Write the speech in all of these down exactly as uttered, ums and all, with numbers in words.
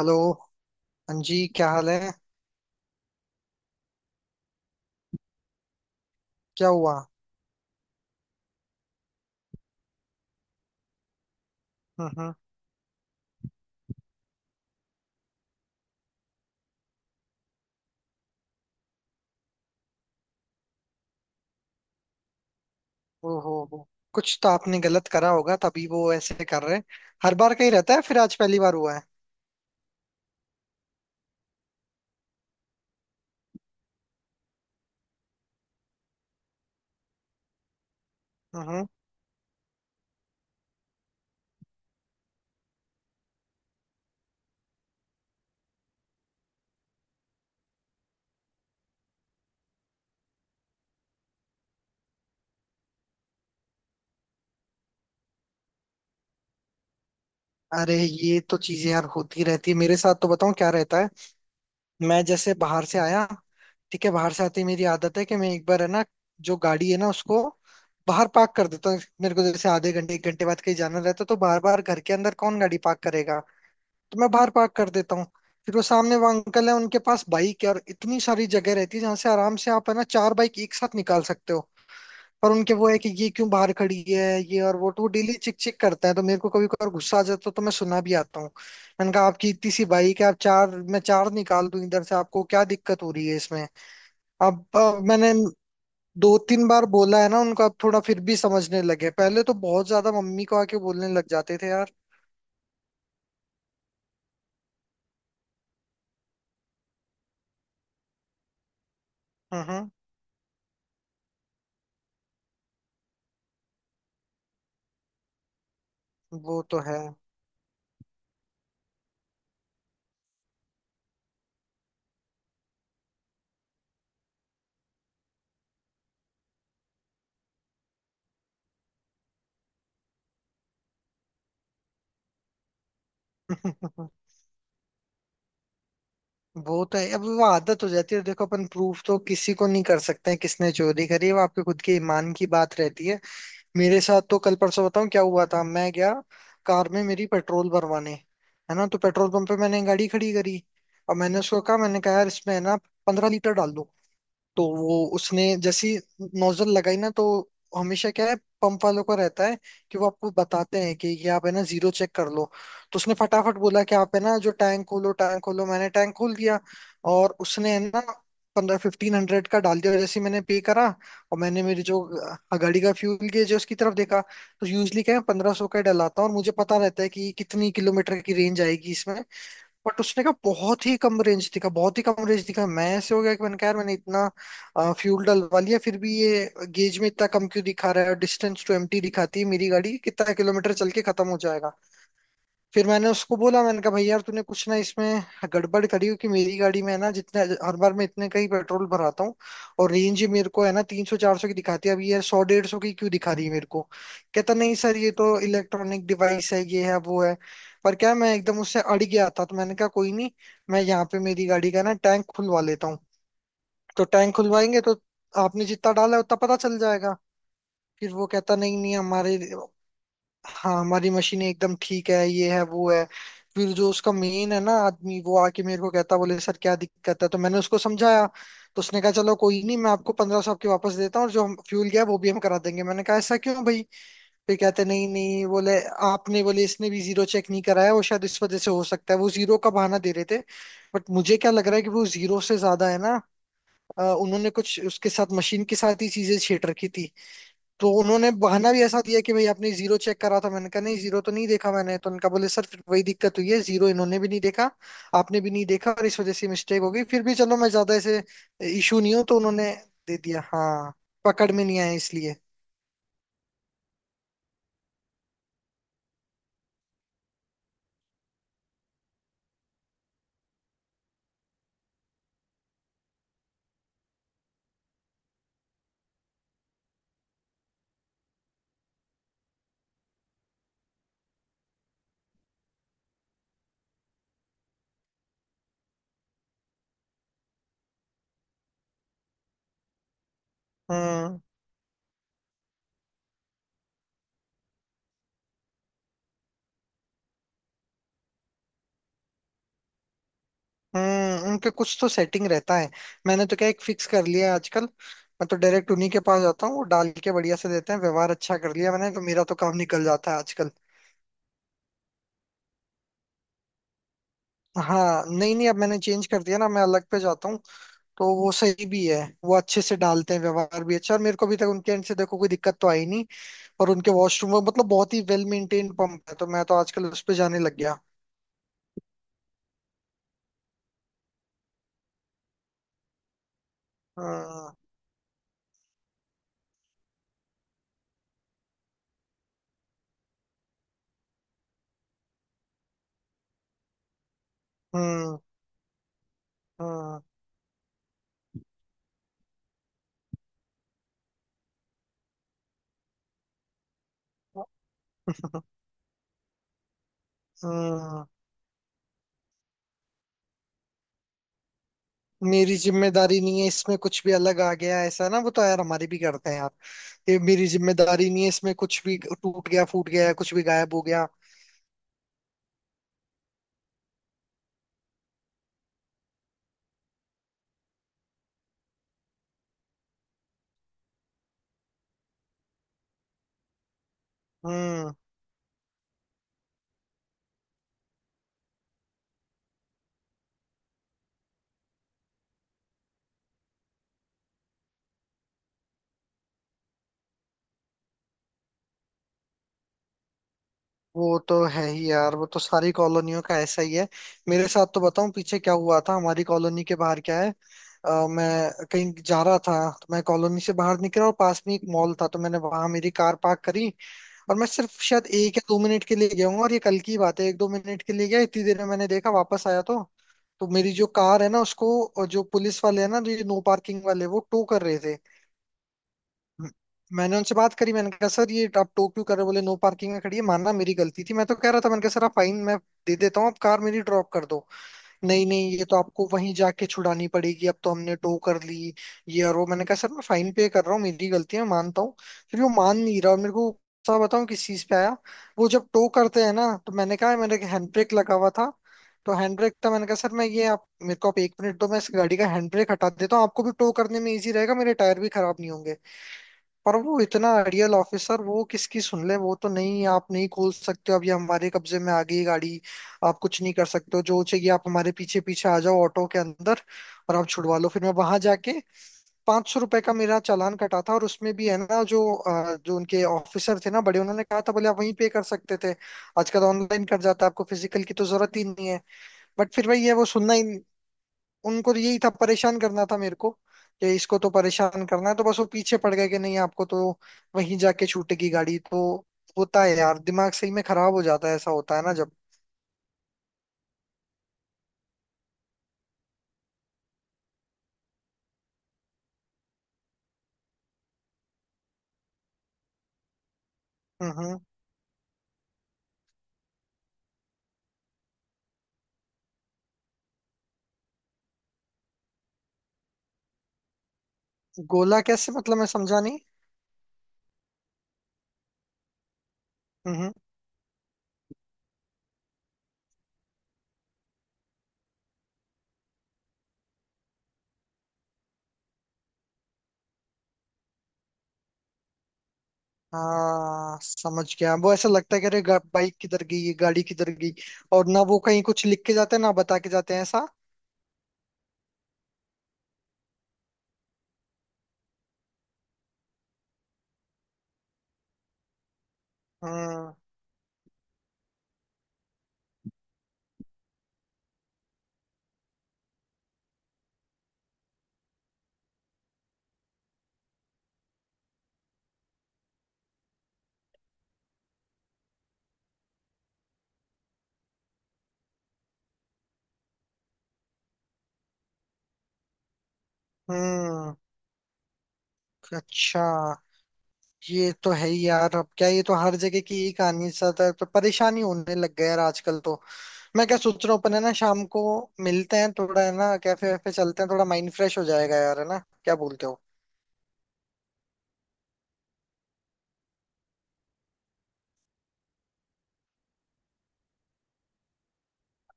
Hello. हाँ जी, क्या हाल है? क्या हुआ? हम्म हम्म। ओहो हो। कुछ तो आपने गलत करा होगा तभी वो ऐसे कर रहे हैं। हर बार का ही रहता है फिर आज पहली बार हुआ है? हम्म हम्म। अरे ये तो चीजें यार होती रहती है, मेरे साथ तो बताऊं क्या रहता है। मैं जैसे बाहर से आया, ठीक है, बाहर से आते ही मेरी आदत है कि मैं एक बार है ना, जो गाड़ी है ना उसको बाहर पार्क कर देता हूँ। मेरे को जैसे आधे घंटे एक घंटे बाद कहीं जाना रहता है, तो बार बार घर के अंदर कौन गाड़ी पार्क करेगा। तो मैं बाहर पार्क कर देता हूँ। फिर वो सामने वो अंकल है, उनके पास बाइक है और इतनी सारी जगह रहती है जहाँ से आराम से आप है ना चार बाइक एक साथ निकाल सकते हो। पर उनके वो है कि ये क्यों बाहर खड़ी है, ये और वो। तो वो डेली चिक चिक करता है, तो मेरे को कभी कभार गुस्सा आ जाता है तो तो मैं सुना भी आता हूँ। मैंने कहा आपकी इतनी सी बाइक है, आप चार मैं चार निकाल दूं इधर से, आपको क्या दिक्कत हो रही है इसमें। अब अब मैंने दो तीन बार बोला है ना उनको, अब थोड़ा फिर भी समझने लगे, पहले तो बहुत ज्यादा मम्मी को आके बोलने लग जाते थे यार। हम्म हम्म, वो तो है। वो तो है। अब वो आदत हो जाती है, देखो अपन प्रूफ तो किसी को नहीं कर सकते हैं किसने चोरी करी है, वो आपके खुद के ईमान की बात रहती है। मेरे साथ तो कल परसों बताऊं क्या हुआ था। मैं गया कार में मेरी पेट्रोल भरवाने, है ना। तो पेट्रोल पंप पे मैंने गाड़ी खड़ी करी और मैंने उसको कहा, मैंने कहा यार इसमें है ना पंद्रह लीटर डाल दो। तो वो उसने जैसी नोजल लगाई ना, तो हमेशा क्या है पंप वालों को रहता है कि वो आपको बताते हैं कि ये आप है ना जीरो चेक कर लो। तो उसने फटाफट बोला कि आप है ना जो टैंक खोलो टैंक खोलो, मैंने टैंक खोल दिया और उसने है ना पंद्रह फिफ्टीन हंड्रेड का डाल दिया। और जैसे ही मैंने पे करा, और मैंने मेरी जो अ, गाड़ी का फ्यूल गेज है उसकी तरफ देखा, तो यूजली क्या है पंद्रह सौ का ही डलाता हूँ और मुझे पता रहता है कि कितनी किलोमीटर की रेंज आएगी इसमें। बट उसने कहा बहुत ही कम रेंज दिखा, बहुत ही कम रेंज दिखा। मैं ऐसे हो गया कि मैंने कहा यार मैंने इतना फ्यूल डलवा लिया फिर भी ये गेज में इतना कम क्यों दिखा रहा है, और डिस्टेंस टू एम्प्टी दिखाती है मेरी गाड़ी कितना किलोमीटर चल के खत्म हो जाएगा। फिर मैंने उसको बोला, मैंने कहा भाई यार तूने कुछ ना इसमें गड़बड़ करी हो, कि मेरी गाड़ी में है ना जितने, हर बार मैं इतने का ही पेट्रोल भराता हूँ, और रेंज ही मेरे को है ना तीन सौ चार सौ की दिखाती है, अब ये सौ डेढ़ सौ की क्यों दिखा रही है मेरे को। कहता नहीं सर ये तो इलेक्ट्रॉनिक डिवाइस है, ये है वो है। पर क्या, मैं एकदम उससे अड़ गया था, तो मैंने कहा कोई नहीं, मैं यहाँ पे मेरी गाड़ी का ना टैंक खुलवा लेता हूँ। तो टैंक खुलवाएंगे तो आपने जितना डाला है उतना पता चल जाएगा। फिर वो कहता नहीं नहीं हमारे, हाँ हमारी मशीनें एकदम ठीक है, ये है वो है। फिर जो उसका मेन है ना आदमी वो आके मेरे को कहता, बोले सर क्या दिक्कत है, तो मैंने उसको समझाया। तो उसने कहा चलो कोई नहीं, मैं आपको पंद्रह सौ आपके वापस देता हूँ और जो हम फ्यूल गया वो भी हम करा देंगे। मैंने कहा ऐसा क्यों भाई? फिर कहते नहीं नहीं, बोले आपने, बोले इसने भी जीरो चेक नहीं कराया वो, शायद इस वजह से हो सकता है। वो जीरो का बहाना दे रहे थे। बट मुझे क्या लग रहा है कि वो जीरो से ज्यादा है ना, अ, उन्होंने कुछ उसके साथ, मशीन के साथ ही चीजें छेड़ रखी थी। तो उन्होंने बहाना भी ऐसा दिया कि भाई आपने जीरो चेक करा था, मैंने कहा नहीं जीरो तो नहीं देखा मैंने तो। उनका बोले सर फिर वही दिक्कत हुई है, जीरो इन्होंने भी नहीं देखा आपने भी नहीं देखा और इस वजह से मिस्टेक हो गई। फिर भी चलो मैं ज्यादा ऐसे इशू नहीं हूं, तो उन्होंने दे दिया, हाँ, पकड़ में नहीं आया इसलिए। हम्म हम्म, उनके कुछ तो सेटिंग रहता है। मैंने तो क्या एक फिक्स कर लिया है आजकल, मैं तो डायरेक्ट उन्हीं के पास जाता हूँ, वो डाल के बढ़िया से देते हैं, व्यवहार अच्छा कर लिया मैंने तो, मेरा तो काम निकल जाता है आजकल। हाँ, नहीं नहीं, अब मैंने चेंज कर दिया ना, मैं अलग पे जाता हूँ। तो वो सही भी है, वो अच्छे से डालते हैं, व्यवहार भी अच्छा, और मेरे को अभी तक उनके एंड से देखो कोई दिक्कत तो आई नहीं। और उनके वॉशरूम में, मतलब बहुत ही वेल मेंटेन्ड पंप है, तो मैं तो आजकल उस पे जाने लग गया। हाँ। हम्म हम्म। हाँ, मेरी जिम्मेदारी नहीं है इसमें, कुछ भी अलग आ गया ऐसा ना, वो तो यार हमारे भी करते हैं यार। ये मेरी जिम्मेदारी नहीं है, इसमें कुछ भी टूट गया फूट गया, कुछ भी गायब हो गया। हम्म। वो तो है ही यार, वो तो सारी कॉलोनियों का ऐसा ही है। मेरे साथ तो बताऊं पीछे क्या हुआ था, हमारी कॉलोनी के बाहर क्या है, अ, मैं कहीं जा रहा था, तो मैं कॉलोनी से बाहर निकला और पास में एक मॉल था, तो मैंने वहां मेरी कार पार्क करी। और मैं सिर्फ शायद एक या दो मिनट के लिए गया हूँ, और ये कल की बात है, एक दो मिनट के लिए गया, इतनी देर में मैंने देखा वापस आया तो तो मेरी जो कार है ना उसको जो पुलिस वाले है ना, जो ये नो पार्किंग वाले, वो टो कर रहे थे। म- मैंने उनसे बात करी, मैंने कहा सर ये आप टोक क्यों कर रहे हो? बोले नो पार्किंग में खड़ी है। मानना मेरी गलती थी, मैं तो कह रहा था, मैंने कहा सर आप फाइन मैं दे देता हूँ, आप कार मेरी ड्रॉप कर दो। नहीं नहीं, ये तो आपको वहीं जाके छुड़ानी पड़ेगी, अब तो हमने टो कर ली, ये और वो। मैंने कहा सर मैं फाइन पे कर रहा हूँ, मेरी गलती है मैं मानता हूँ। फिर वो मान नहीं रहा, और मेरे को गुस्सा बताऊँ किस चीज पे आया। वो जब टो करते हैं ना, तो मैंने कहा मेरे हैंड ब्रेक लगा हुआ था, तो हैंड ब्रेक था, मैंने कहा सर मैं ये आप, मेरे को आप एक मिनट दो, मैं इस गाड़ी का हैंड ब्रेक हटा देता हूँ, आपको भी टो करने में इजी रहेगा, मेरे टायर भी खराब नहीं होंगे। पर वो इतना रियल ऑफिसर, वो किसकी सुन ले, वो तो नहीं आप नहीं खोल सकते हो, अब ये हमारे कब्जे में आ गई गाड़ी, आप कुछ नहीं कर सकते हो, जो चाहिए आप हमारे पीछे पीछे आ जाओ ऑटो के अंदर, और आप छुड़वा लो। फिर मैं वहां जाके, पांच सौ रुपए का मेरा चालान कटा था, और उसमें भी है ना जो अ, जो उनके ऑफिसर थे ना बड़े, उन्होंने कहा था, बोले आप वहीं पे कर सकते थे। आजकल ऑनलाइन कर जाता है, आपको फिजिकल की तो जरूरत ही नहीं है। बट फिर भाई ये वो सुनना ही, उनको तो यही था, परेशान करना था मेरे को, कि इसको तो परेशान करना है, तो बस वो पीछे पड़ गए कि नहीं आपको तो वहीं जाके छूटेगी गाड़ी। तो होता है यार, दिमाग सही में खराब हो जाता है, ऐसा होता है ना जब। हम्म। गोला कैसे, मतलब मैं समझा नहीं। हम्म। हाँ समझ गया, वो ऐसा लगता है कि अरे बाइक किधर गई, ये गाड़ी किधर गई। और ना वो कहीं कुछ लिख के जाते हैं, ना बता के जाते हैं ऐसा। हम्म हम्म। अच्छा, ये तो है ही यार, अब क्या, ये तो हर जगह की यही कहानी साथ है, ज्यादा तो परेशानी होने लग गया यार आजकल तो। मैं क्या सोच रहा हूँ अपन है ना शाम को मिलते हैं, थोड़ा है ना कैफे वैफे चलते हैं, थोड़ा माइंड फ्रेश हो जाएगा यार, है ना, क्या बोलते हो?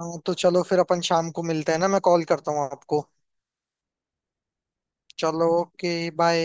हाँ तो चलो फिर अपन शाम को मिलते हैं ना, मैं कॉल करता हूँ आपको। चलो ओके, बाय।